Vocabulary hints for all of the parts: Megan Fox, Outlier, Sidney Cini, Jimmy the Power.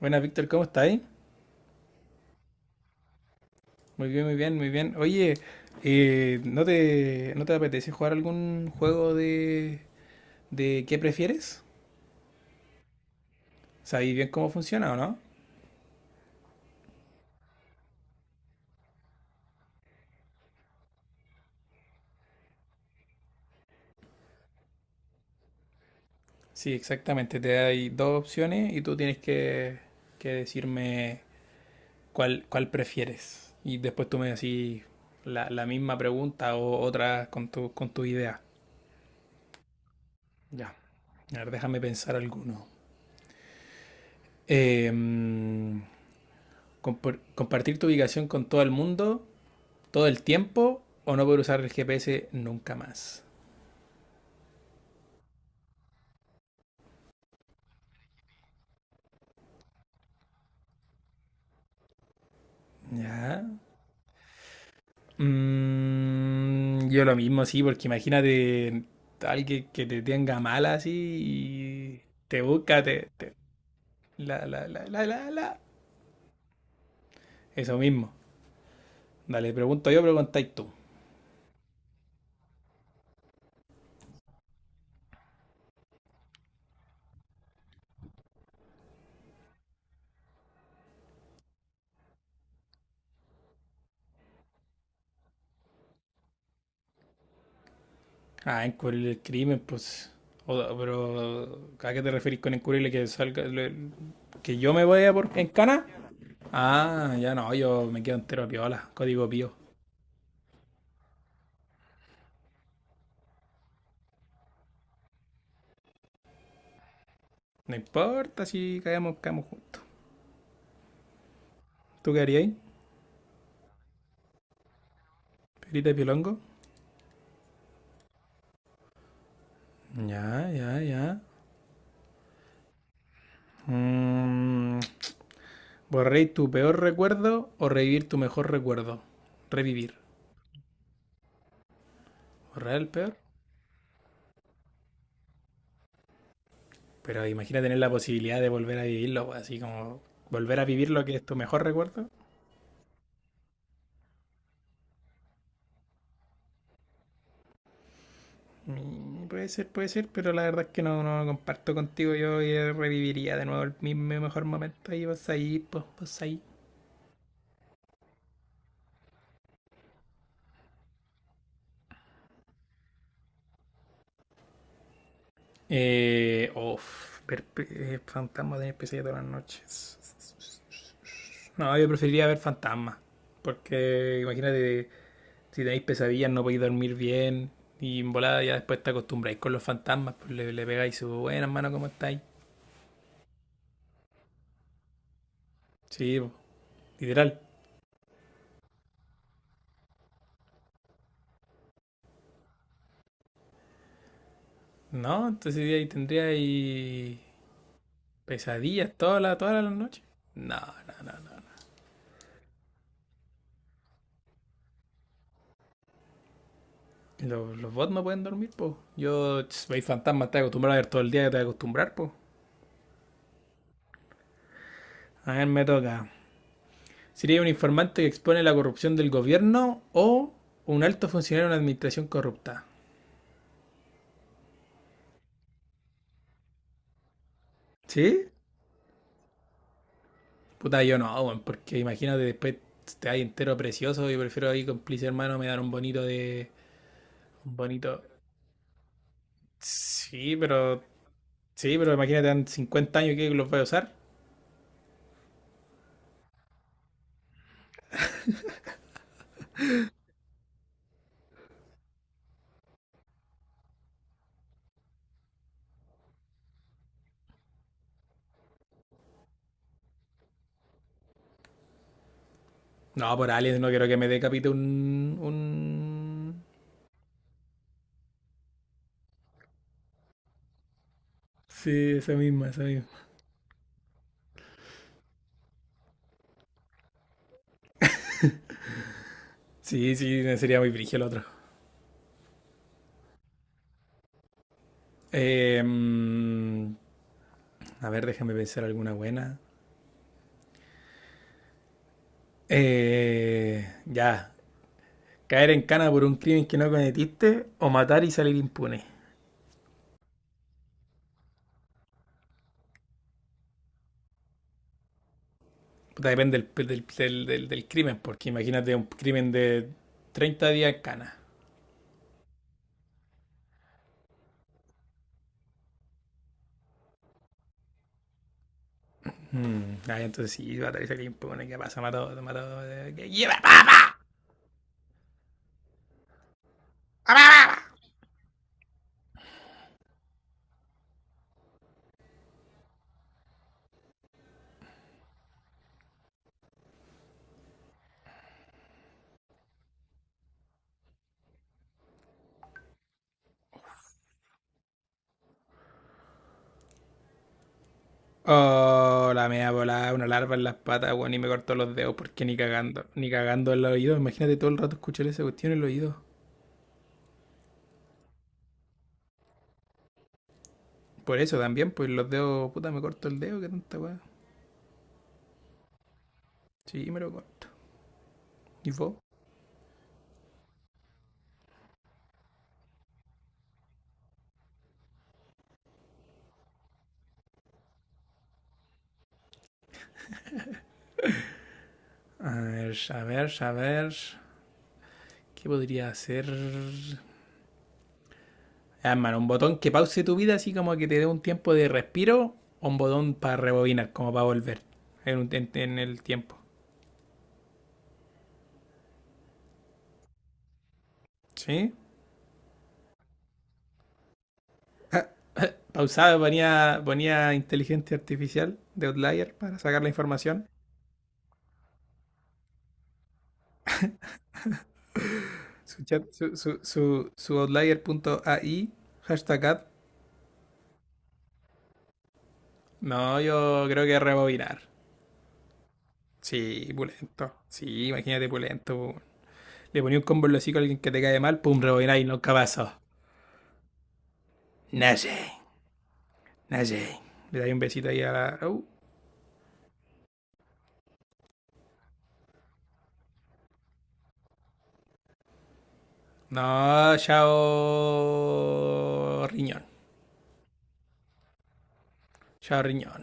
Buenas, Víctor, ¿cómo estáis? Muy bien, muy bien, muy bien. Oye, ¿no te apetece jugar algún juego de qué prefieres? ¿Sabéis bien cómo funciona o no? Sí, exactamente. Te hay dos opciones y tú tienes que decirme cuál prefieres. Y después tú me decís la misma pregunta o otra con tu idea. Ya. A ver, déjame pensar alguno. Eh, mm, Compartir tu ubicación con todo el mundo todo el tiempo o no poder usar el GPS nunca más. Ya. Yo lo mismo, sí, porque imagínate alguien que te tenga mala así y te busca, la, la, la, la, la, la. Eso mismo. Dale, pregunto yo, preguntáis tú. Ah, encubrir el crimen, pues. Pero, ¿a qué te referís con encubrirle que salga, que yo me vaya por, en cana? Ah, ya no, yo me quedo entero a piola, código pío. No importa si caemos, caemos juntos. ¿Tú qué harías? ¿Perita de pilongo? Ya, ya, ya. Mm, ¿Borréis tu peor recuerdo o revivir tu mejor recuerdo? Revivir. ¿Borrar el peor? Pero imagina tener la posibilidad de volver a vivirlo, pues, así como volver a vivir lo que es tu mejor recuerdo. Puede ser, pero la verdad es que no, no comparto contigo. Yo reviviría de nuevo el mismo mejor momento. Y vas ahí, pues, vos ahí. Uf, ver fantasmas de NPC todas las noches. No, yo preferiría ver fantasmas. Porque imagínate, si tenéis pesadillas no podéis dormir bien. Y en volada ya después te acostumbráis con los fantasmas. Pues le pegáis su buena hermano, ¿cómo estáis? Sí, literal. No, entonces ahí tendríais pesadillas todas las noches. No, no, no, no. Los bots no pueden dormir, pues. Yo, si veis fantasmas, te acostumbras a ver todo el día, te acostumbras, pues. A ver, me toca. ¿Sería un informante que expone la corrupción del gobierno o un alto funcionario de una administración corrupta? ¿Sí? Puta, yo no, weón, porque imagínate después te hay entero precioso y prefiero ahí cómplice hermano me dar un bonito de... Un bonito... Sí, pero... Sí, pero imagínate en 50 años que los voy a usar. No, por aliens no quiero que me decapite un... Sí, esa misma, esa misma. Sí, sí, sería muy brillo el otro. Eh, mm, a ver, déjame pensar alguna buena. Ya. Caer en cana por un crimen que no cometiste o matar y salir impune. Puta, depende del crimen, porque imagínate un crimen de 30 días en cana. Ah, entonces sí, matar y salir impune. ¿Qué pasa? Mató, mató. ¿Qué- lleva pa- pa- pa- pa? Oh, la mea volada, una larva en las patas, weón, y me cortó los dedos porque ni cagando, ni cagando en los oídos. Imagínate todo el rato escuchar esa cuestión en los oídos. Por eso también, pues los dedos, puta, me corto el dedo, qué tanta weá. Sí, me lo corto. ¿Y vos? A ver, a ver, a ver. ¿Qué podría hacer? Ah, hermano, un botón que pause tu vida, así como que te dé un tiempo de respiro, o un botón para rebobinar, como para volver en el tiempo. ¿Sí? Pausaba, ponía inteligencia artificial de Outlier para sacar la información. Su chat, su outlier.ai #ad. No, yo creo que rebobinar. Sí, pulento. Sí, imagínate pulento. Le ponía un combo en los hocico a alguien que te cae mal, pum, rebobináis, nunca pasó. Naye, naye. Le dais un besito ahí a la. No, chao. Riñón. Chao, riñón.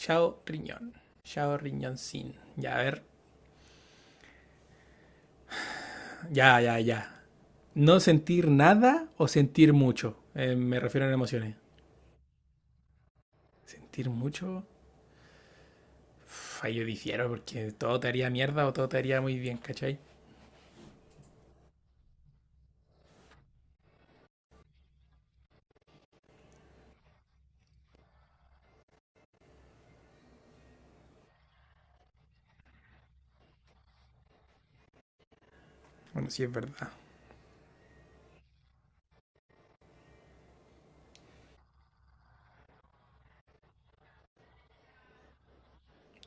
Chao, riñón. Chao, riñón sin. Ya, a ver. Ya, ya, ya. No sentir nada o sentir mucho. Me refiero a emociones. Sentir mucho. Uf, ahí yo difiero porque todo te haría mierda o todo te haría muy bien, ¿cachai? Bueno, sí es verdad.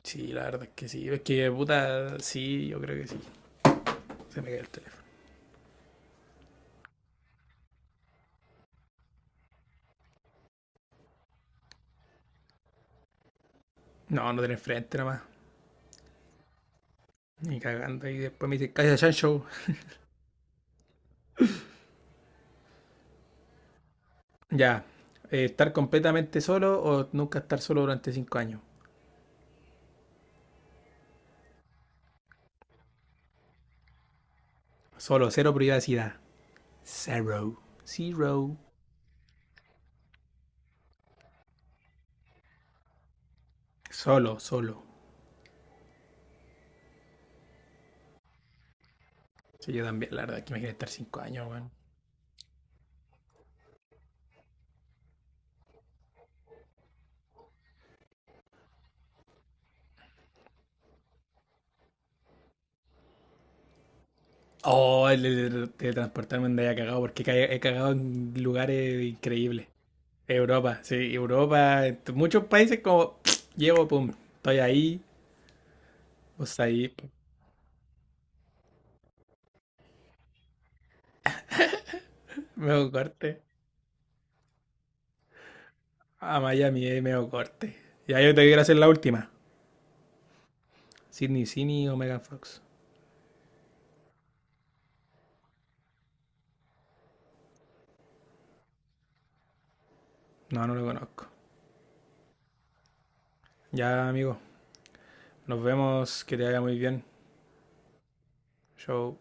Sí, la verdad es que sí. Es que puta, sí, yo creo que sí. Se me cae el teléfono. No, no tenés frente nada más. Ni cagando. Y después me dice, cállate, Chancho. Ya. ¿Estar completamente solo o nunca estar solo durante 5 años? Solo, cero privacidad. Zero. Zero. Solo, solo. Sí, yo también, la verdad, es que imagínate estar 5 años, weón. Oh, el de transportarme andaba cagado, porque he cagado en lugares increíbles. Europa, sí, Europa, en muchos países como llevo, pum, estoy ahí, o sea, ahí, medio corte, a Miami, medio corte. Ya yo te quiero hacer la última, Sidney Cini o Megan Fox. No, no lo conozco. Ya, amigo, nos vemos, que te vaya muy bien. Show.